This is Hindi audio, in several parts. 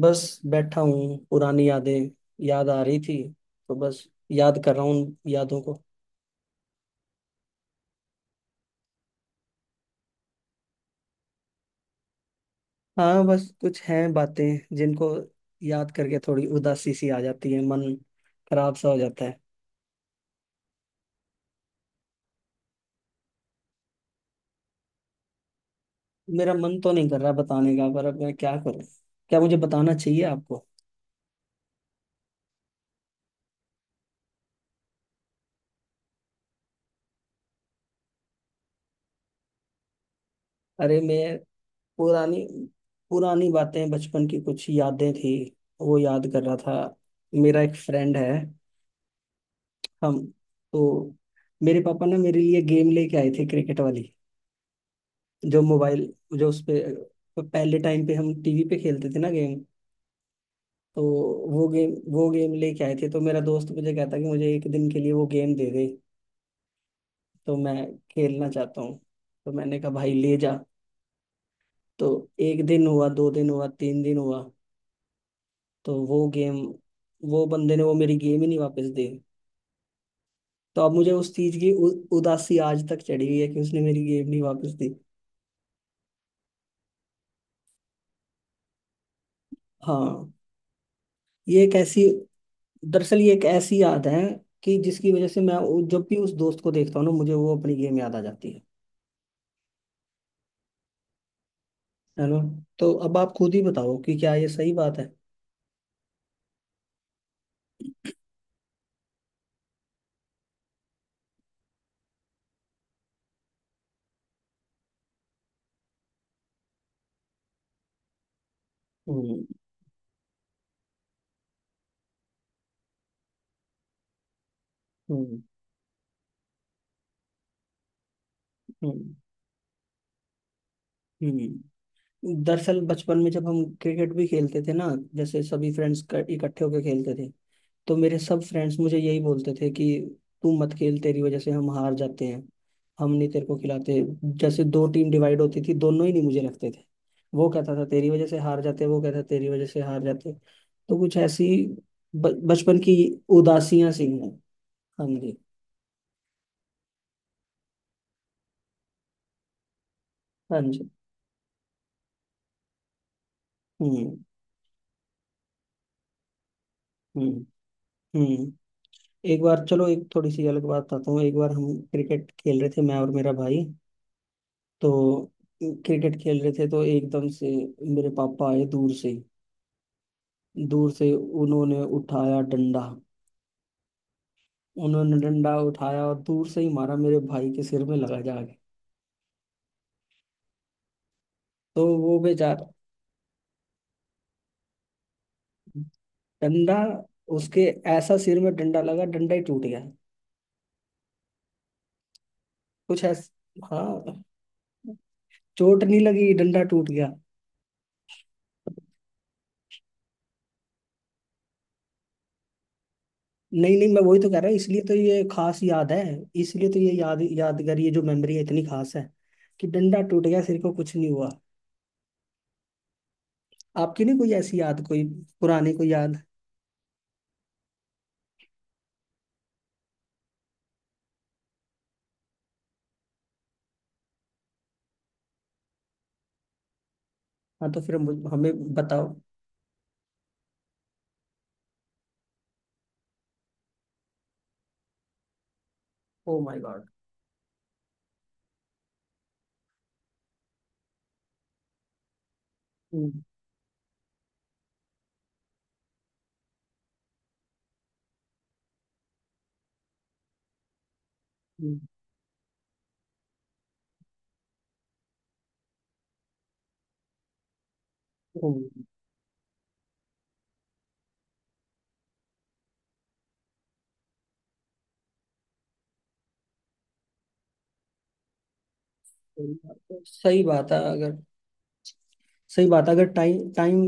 बस बैठा हूँ, पुरानी यादें याद आ रही थी, तो बस याद कर रहा हूँ उन यादों को। हाँ, बस कुछ हैं बातें जिनको याद करके थोड़ी उदासी सी आ जाती है, मन खराब सा हो जाता है। मेरा मन तो नहीं कर रहा बताने का, पर अब मैं क्या करूँ, क्या मुझे बताना चाहिए आपको? अरे मैं पुरानी पुरानी बातें, बचपन की कुछ यादें थी, वो याद कर रहा था। मेरा एक फ्रेंड है। हम तो, मेरे पापा ना मेरे लिए गेम लेके आए थे, क्रिकेट वाली, जो मोबाइल, जो उस पे पहले टाइम पे हम टीवी पे खेलते थे ना गेम। तो वो गेम लेके आए थे, तो मेरा दोस्त मुझे कहता कि मुझे एक दिन के लिए वो गेम दे दे, तो मैं खेलना चाहता हूँ। तो मैंने कहा भाई ले जा। तो एक दिन हुआ, दो दिन हुआ, तीन दिन हुआ, तो वो गेम, वो बंदे ने वो मेरी गेम ही नहीं वापस दी। तो अब मुझे उस चीज की उदासी आज तक चढ़ी हुई है कि उसने मेरी गेम नहीं वापस दी। हाँ, ये एक ऐसी, दरअसल ये एक ऐसी याद है कि जिसकी वजह से मैं जब भी उस दोस्त को देखता हूँ ना, मुझे वो अपनी गेम याद आ जाती है। है ना? तो अब आप खुद ही बताओ कि क्या ये सही बात है। हम्म हम्म हम्म हम्म। दरअसल बचपन में जब हम क्रिकेट भी खेलते थे ना, जैसे सभी फ्रेंड्स इकट्ठे होकर खेलते थे, तो मेरे सब फ्रेंड्स मुझे यही बोलते थे कि तू मत खेल, तेरी वजह से हम हार जाते हैं, हम नहीं तेरे को खिलाते। जैसे दो टीम डिवाइड होती थी, दोनों ही नहीं मुझे रखते थे। वो कहता था तेरी वजह से हार जाते, वो कहता तेरी वजह से हार जाते। तो कुछ ऐसी बचपन की उदासियां सी हैं। हाँ जी। हाँ जी। हम्म। हम्म। हम्म। एक बार, चलो एक थोड़ी सी अलग बात बताता हूँ। एक बार हम क्रिकेट खेल रहे थे, मैं और मेरा भाई, तो क्रिकेट खेल रहे थे, तो एकदम से मेरे पापा आए दूर से ही। दूर से उन्होंने उठाया डंडा, उन्होंने डंडा उठाया और दूर से ही मारा, मेरे भाई के सिर में लगा जाके। तो वो बेचारा, डंडा उसके ऐसा सिर में डंडा लगा, डंडा ही टूट गया। कुछ ऐसा हाँ। चोट नहीं लगी, डंडा टूट गया। नहीं नहीं, मैं वही तो कह रहा हूँ, इसलिए तो ये खास याद है। इसलिए तो ये याद यादगार, ये जो मेमोरी है इतनी खास है कि डंडा टूट गया, सिर को कुछ नहीं हुआ। आपकी नहीं कोई ऐसी याद, कोई पुरानी कोई याद? हाँ, तो फिर हमें बताओ। Oh my god. Hmm. Hmm. Hmm. सही बात है, सही बात है। अगर सही बात है, अगर टाइम टाइम,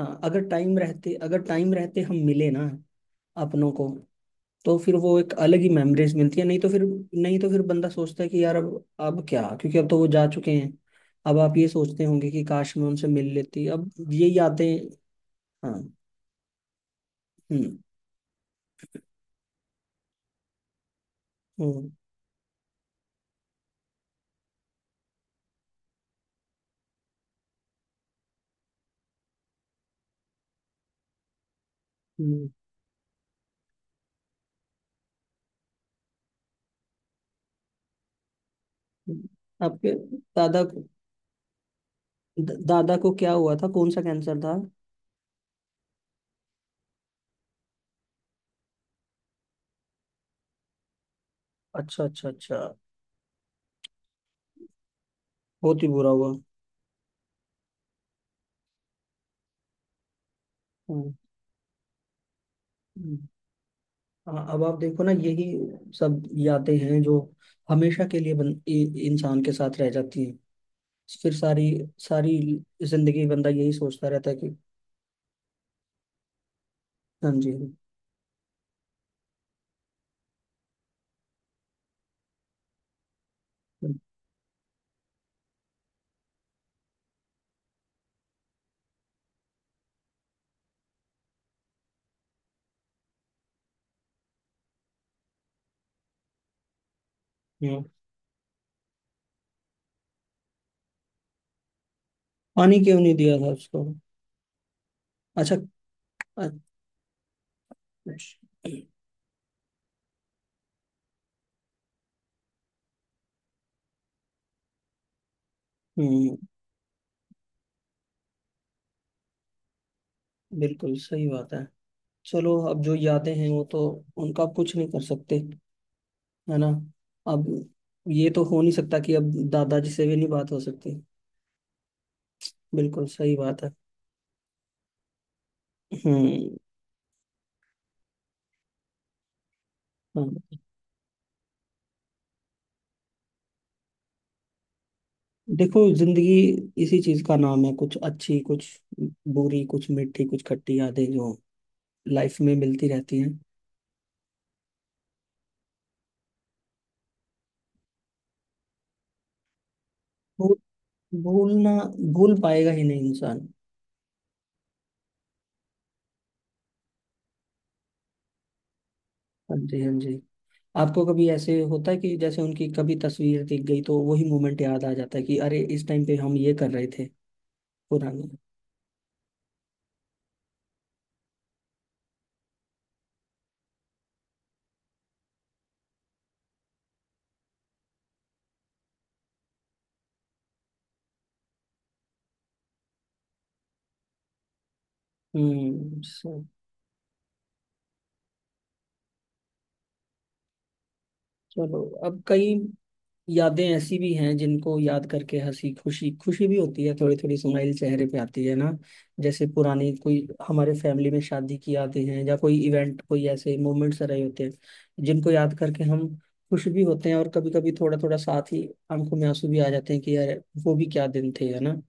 हाँ, अगर टाइम रहते, अगर टाइम रहते हम मिले ना अपनों को, तो फिर वो एक अलग ही मेमोरीज मिलती है। नहीं तो फिर, नहीं तो फिर बंदा सोचता है कि यार अब क्या, क्योंकि अब तो वो जा चुके हैं। अब आप ये सोचते होंगे कि काश मैं उनसे मिल लेती, अब ये यादें। हाँ। हम्म। हम्म। हम्म। हम्म। आपके दादा को, दादा को क्या हुआ था, कौन सा कैंसर था? अच्छा अच्छा अच्छा। बहुत ही बुरा हुआ। हम्म। हम्म। हाँ, अब आप देखो ना, यही सब यादें हैं जो हमेशा के लिए इंसान के साथ रह जाती हैं। फिर सारी सारी जिंदगी बंदा यही सोचता रहता है कि। हाँ जी। हम्म। पानी क्यों नहीं दिया था उसको? अच्छा। अच्छा। हम्म। बिल्कुल सही बात है। चलो अब जो यादें हैं वो तो, उनका आप कुछ नहीं कर सकते, है ना? अब ये तो हो नहीं सकता कि अब दादाजी से भी नहीं बात हो सकती। बिल्कुल सही बात है। हम्म। हाँ। देखो जिंदगी इसी चीज का नाम है, कुछ अच्छी, कुछ बुरी, कुछ मीठी, कुछ खट्टी यादें जो लाइफ में मिलती रहती हैं। भूल, भूलना, भूल पाएगा ही नहीं इंसान। हाँ जी। हाँ जी। आपको कभी ऐसे होता है कि जैसे उनकी कभी तस्वीर दिख गई, तो वही मोमेंट याद आ जाता है कि अरे इस टाइम पे हम ये कर रहे थे, पुराने। हम्म। चलो अब कई यादें ऐसी भी हैं जिनको याद करके हंसी खुशी, खुशी भी होती है, थोड़ी थोड़ी स्माइल चेहरे पे आती है ना, जैसे पुरानी कोई हमारे फैमिली में शादी की यादें हैं, या कोई इवेंट, कोई ऐसे मोमेंट्स रहे होते हैं जिनको याद करके हम खुश भी होते हैं, और कभी कभी थोड़ा थोड़ा साथ ही आंखों में आंसू भी आ जाते हैं कि यार वो भी क्या दिन थे, है ना?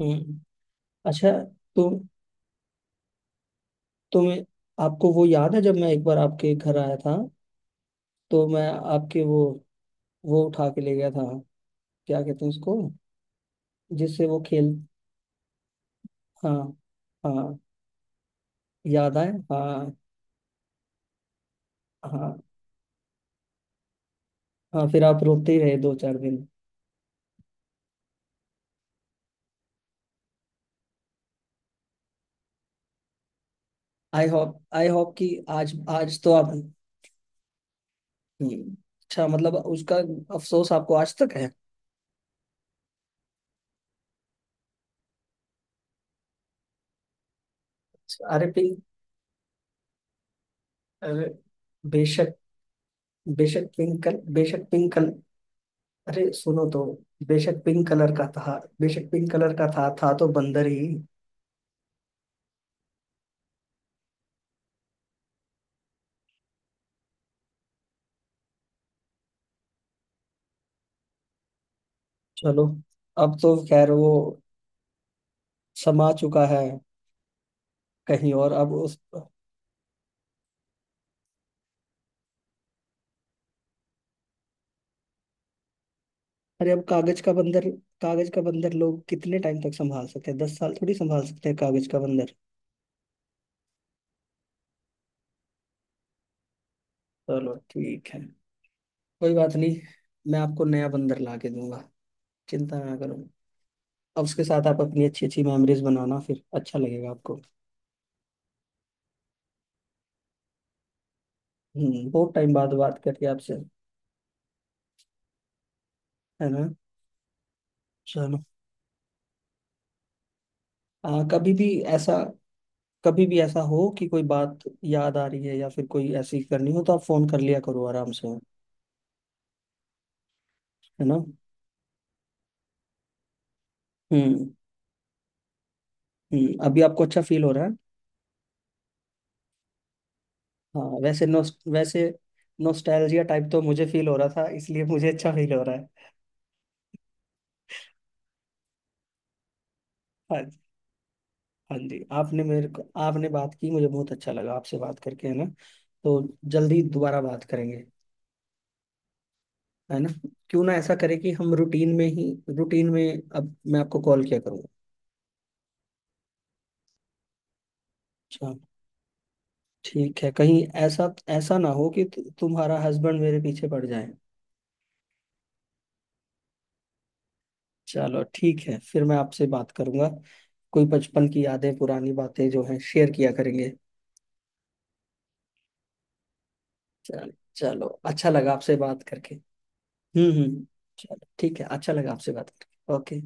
हम्म। अच्छा, तो तुम्हें, आपको वो याद है जब मैं एक बार आपके घर आया था, तो मैं आपके वो उठा के ले गया था, क्या कहते हैं उसको, जिससे वो खेल। हाँ। हाँ। याद आए, हाँ। हाँ। हाँ, फिर आप रोते ही रहे दो चार दिन। आई होप, आई होप कि आज, आज तो आप। हम्म, अच्छा, मतलब उसका अफसोस आपको आज तक है? अरे पिंक, अरे बेशक, बेशक पिंक कल। अरे सुनो तो, बेशक पिंक कलर का था बेशक पिंक कलर का था तो बंदर ही। चलो अब तो खैर वो समा चुका है कहीं और, अब उस, अरे अब कागज का बंदर, कागज का बंदर लोग कितने टाइम तक संभाल सकते हैं? दस साल थोड़ी संभाल सकते हैं कागज का बंदर। चलो ठीक है, कोई बात नहीं, मैं आपको नया बंदर ला के दूंगा, चिंता ना करो। अब उसके साथ आप अपनी अच्छी अच्छी मेमोरीज बनाना, फिर अच्छा लगेगा आपको। हम्म। बहुत टाइम बाद बात करके आपसे, है ना? चलो, कभी भी ऐसा, कभी भी ऐसा हो कि कोई बात याद आ रही है, या फिर कोई ऐसी करनी हो, तो आप फोन कर लिया करो आराम से, है ना? हम्म। हम्म, अभी आपको अच्छा फील हो रहा है? हाँ, वैसे नो वैसे नोस्टैल्जिया टाइप तो मुझे फील हो रहा था, इसलिए मुझे अच्छा फील हो रहा है। हाँ जी। हाँ जी, आपने मेरे को, आपने बात की, मुझे बहुत अच्छा लगा आपसे बात करके, है ना? तो जल्दी दोबारा बात करेंगे, है ना? क्यों ना ऐसा करें कि हम रूटीन में ही, रूटीन में, अब मैं आपको कॉल किया करूँगा। अच्छा, ठीक है, कहीं ऐसा, ऐसा ना हो कि तुम्हारा हस्बैंड मेरे पीछे पड़ जाए। चलो ठीक है, फिर मैं आपसे बात करूंगा। कोई बचपन की यादें, पुरानी बातें जो हैं, शेयर किया करेंगे। चल चलो, अच्छा लगा आपसे बात करके। हम्म। हम्म। चलो ठीक है, अच्छा लगा आपसे बात करके। ओके।